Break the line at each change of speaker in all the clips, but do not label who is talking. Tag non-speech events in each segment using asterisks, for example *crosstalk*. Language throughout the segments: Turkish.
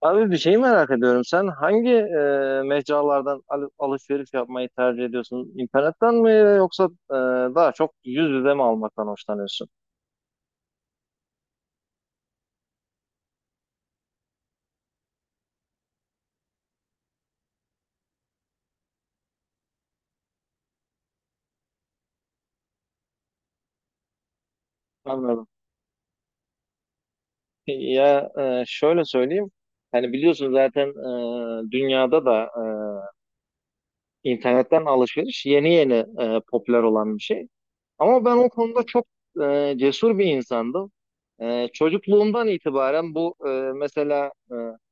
Abi bir şey merak ediyorum. Sen hangi mecralardan alışveriş yapmayı tercih ediyorsun? İnternetten mi yoksa e, daha çok yüz yüze mi almaktan hoşlanıyorsun? Anladım. Ya şöyle söyleyeyim. Hani biliyorsun zaten dünyada da internetten alışveriş yeni yeni popüler olan bir şey. Ama ben o konuda çok cesur bir insandım. Çocukluğumdan itibaren bu mesela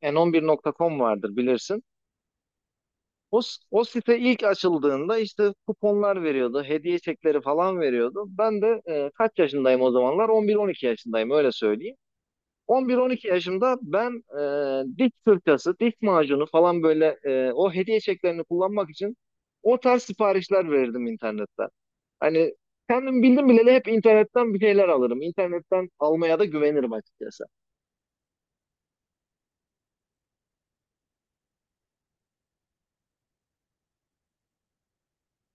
n11.com vardır bilirsin. O, o site ilk açıldığında işte kuponlar veriyordu, hediye çekleri falan veriyordu. Ben de kaç yaşındayım o zamanlar? On bir on iki yaşındayım, öyle söyleyeyim. On bir on iki yaşımda ben diş fırçası, diş macunu falan böyle o hediye çeklerini kullanmak için o tarz siparişler verirdim internetten. Hani kendim bildim bileli hep internetten bir şeyler alırım. İnternetten almaya da güvenirim açıkçası.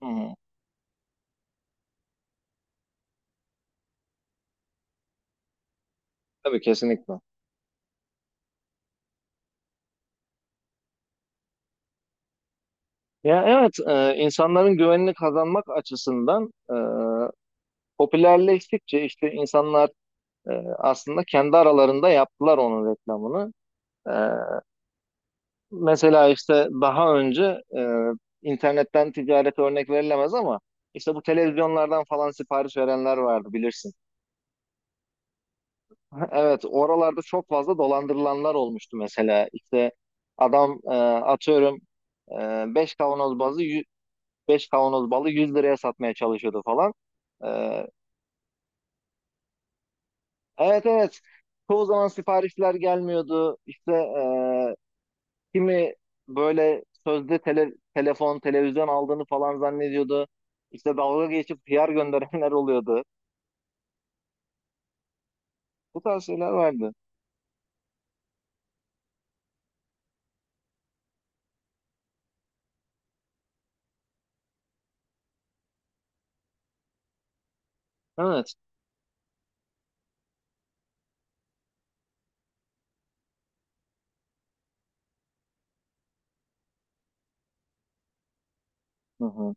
Hı hı. Tabii, kesinlikle. Ya, evet, insanların güvenini kazanmak açısından popülerleştikçe işte insanlar e, aslında kendi aralarında yaptılar onun reklamını. E, Mesela işte daha önce internetten ticaret örnek verilemez ama işte bu televizyonlardan falan sipariş verenler vardı bilirsin. *laughs* Evet, oralarda çok fazla dolandırılanlar olmuştu mesela. İşte adam atıyorum, e, 5 kavanoz bazı 5 kavanoz balı 100 liraya satmaya çalışıyordu falan. E, Evet, evet. Çoğu zaman siparişler gelmiyordu. İşte kimi böyle sözde telefon, televizyon aldığını falan zannediyordu. İşte dalga geçip PR gönderenler oluyordu. Bu tarz şeyler vardı. Evet. Hı hı.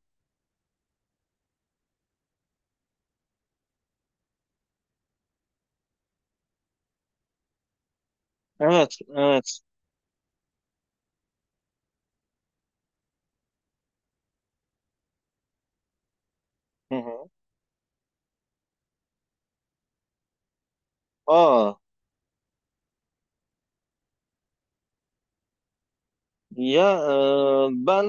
Evet, evet. Hı hı. Aa, ya ben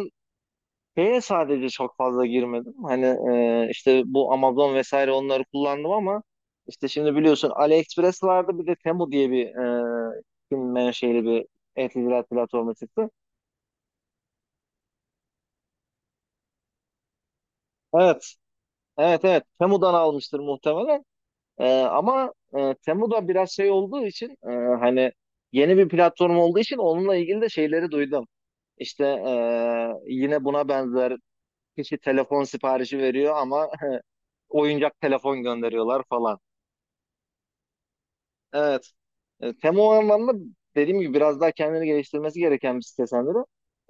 şeye sadece çok fazla girmedim. Hani işte bu Amazon vesaire onları kullandım ama işte şimdi biliyorsun AliExpress vardı, bir de Temu diye bir e, Çin menşeli bir e-ticaret platformu çıktı. Evet. Evet, evet. Temu'dan almıştır muhtemelen. Ama Temu da biraz şey olduğu için, hani yeni bir platform olduğu için onunla ilgili de şeyleri duydum. İşte yine buna benzer kişi telefon siparişi veriyor ama *laughs* oyuncak telefon gönderiyorlar falan. Evet. Tem o anlamda, dediğim gibi, biraz daha kendini geliştirmesi gereken bir site sendiri.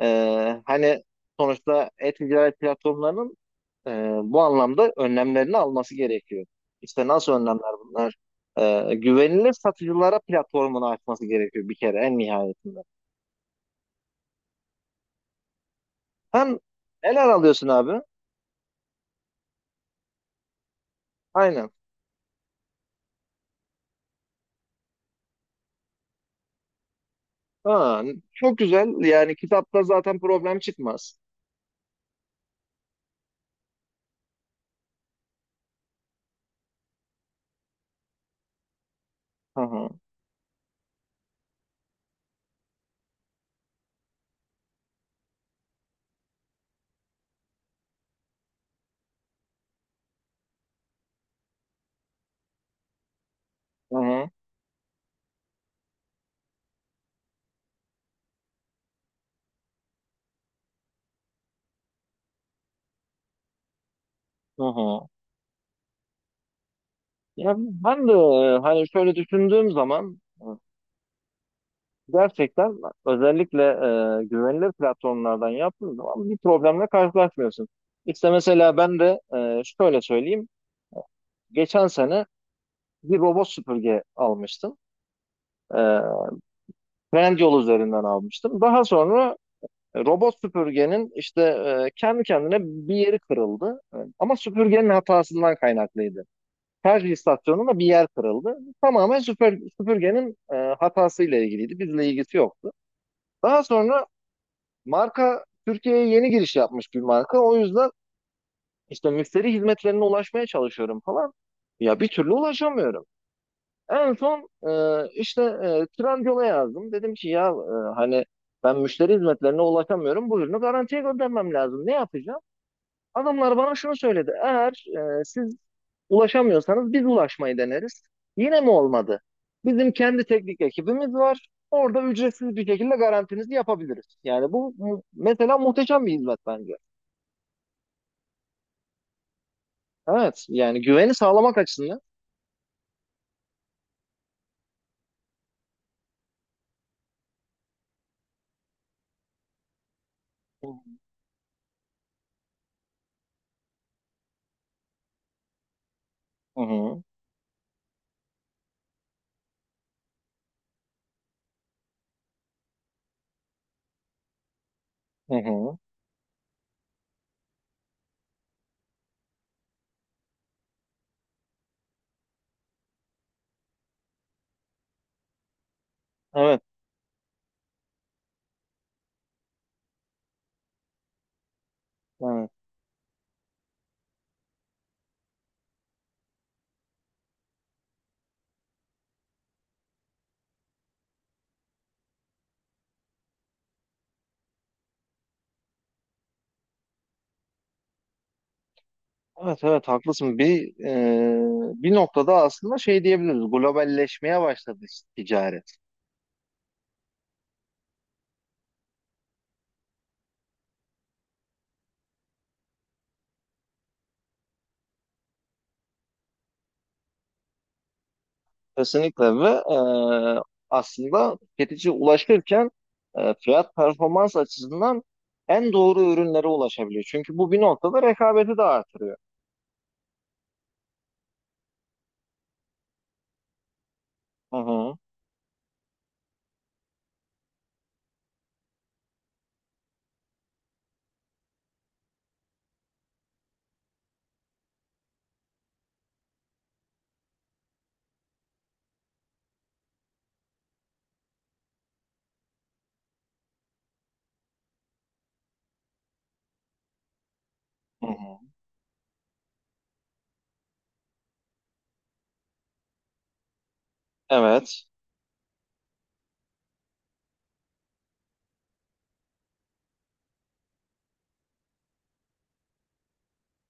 Hani sonuçta e-ticaret platformlarının e, bu anlamda önlemlerini alması gerekiyor. İşte nasıl önlemler bunlar? Güvenilir satıcılara platformunu açması gerekiyor bir kere en nihayetinde. Hem neler alıyorsun abi? Aynen. Ha, çok güzel. Yani kitapta zaten problem çıkmaz. Hı hı. Hı hı. Hı hı. Ya ben de hani şöyle düşündüğüm zaman gerçekten, özellikle güvenilir platformlardan yaptığın zaman bir problemle karşılaşmıyorsun. İşte mesela ben de şöyle söyleyeyim. Geçen sene bir robot süpürge almıştım. E, Trendyol üzerinden almıştım. Daha sonra robot süpürgenin işte kendi kendine bir yeri kırıldı. Ama süpürgenin hatasından kaynaklıydı. Şarj istasyonunda bir yer kırıldı. Tamamen süpürgenin hatasıyla ilgiliydi. Bizle ilgisi yoktu. Daha sonra marka Türkiye'ye yeni giriş yapmış bir marka. O yüzden işte müşteri hizmetlerine ulaşmaya çalışıyorum falan. Ya bir türlü ulaşamıyorum. En son işte Trendyol'a yazdım. Dedim ki ya, hani, ben müşteri hizmetlerine ulaşamıyorum. Bu ürünü garantiye göndermem lazım. Ne yapacağım? Adamlar bana şunu söyledi. Eğer siz ulaşamıyorsanız biz ulaşmayı deneriz. Yine mi olmadı? Bizim kendi teknik ekibimiz var. Orada ücretsiz bir şekilde garantinizi yapabiliriz. Yani bu mesela muhteşem bir hizmet bence. Evet, yani güveni sağlamak açısından. Hı hı, hı hı. Evet, evet. Evet, evet, haklısın. Bir noktada aslında şey diyebiliriz. Globalleşmeye başladı ticaret. Kesinlikle ve e, aslında tüketiciye ulaşırken fiyat performans açısından en doğru ürünlere ulaşabiliyor. Çünkü bu bir noktada rekabeti de artırıyor. Hı hı, hı hı. Evet.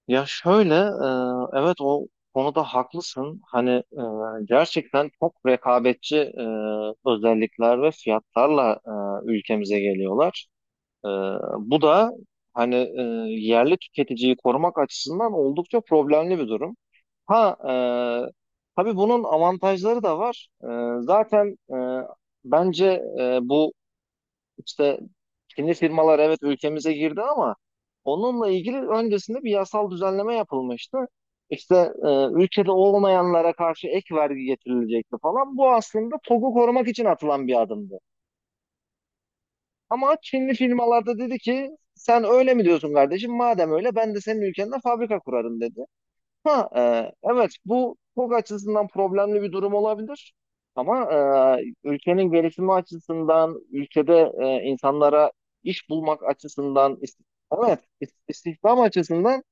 Ya şöyle, evet, o konuda haklısın. Hani gerçekten çok rekabetçi özellikler ve fiyatlarla ülkemize geliyorlar. E, Bu da, hani, yerli tüketiciyi korumak açısından oldukça problemli bir durum. Ha, e, tabii bunun avantajları da var. Zaten bence bu işte Çinli firmalar, evet, ülkemize girdi ama onunla ilgili öncesinde bir yasal düzenleme yapılmıştı. İşte ülkede olmayanlara karşı ek vergi getirilecekti falan. Bu aslında TOG'u korumak için atılan bir adımdı. Ama Çinli firmalar da dedi ki, sen öyle mi diyorsun kardeşim? Madem öyle ben de senin ülkende fabrika kurarım dedi. Ha, evet, bu çok açısından problemli bir durum olabilir. Ama ülkenin gelişimi açısından, ülkede insanlara iş bulmak açısından, evet, istihdam açısından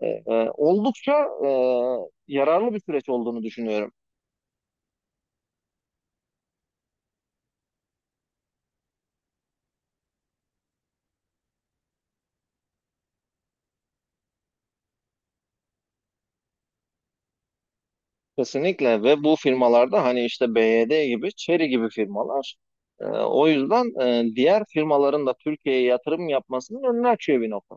oldukça yararlı bir süreç olduğunu düşünüyorum. Kesinlikle, ve bu firmalarda hani işte BYD gibi, Chery gibi firmalar, o yüzden diğer firmaların da Türkiye'ye yatırım yapmasının önünü açıyor bir nokta.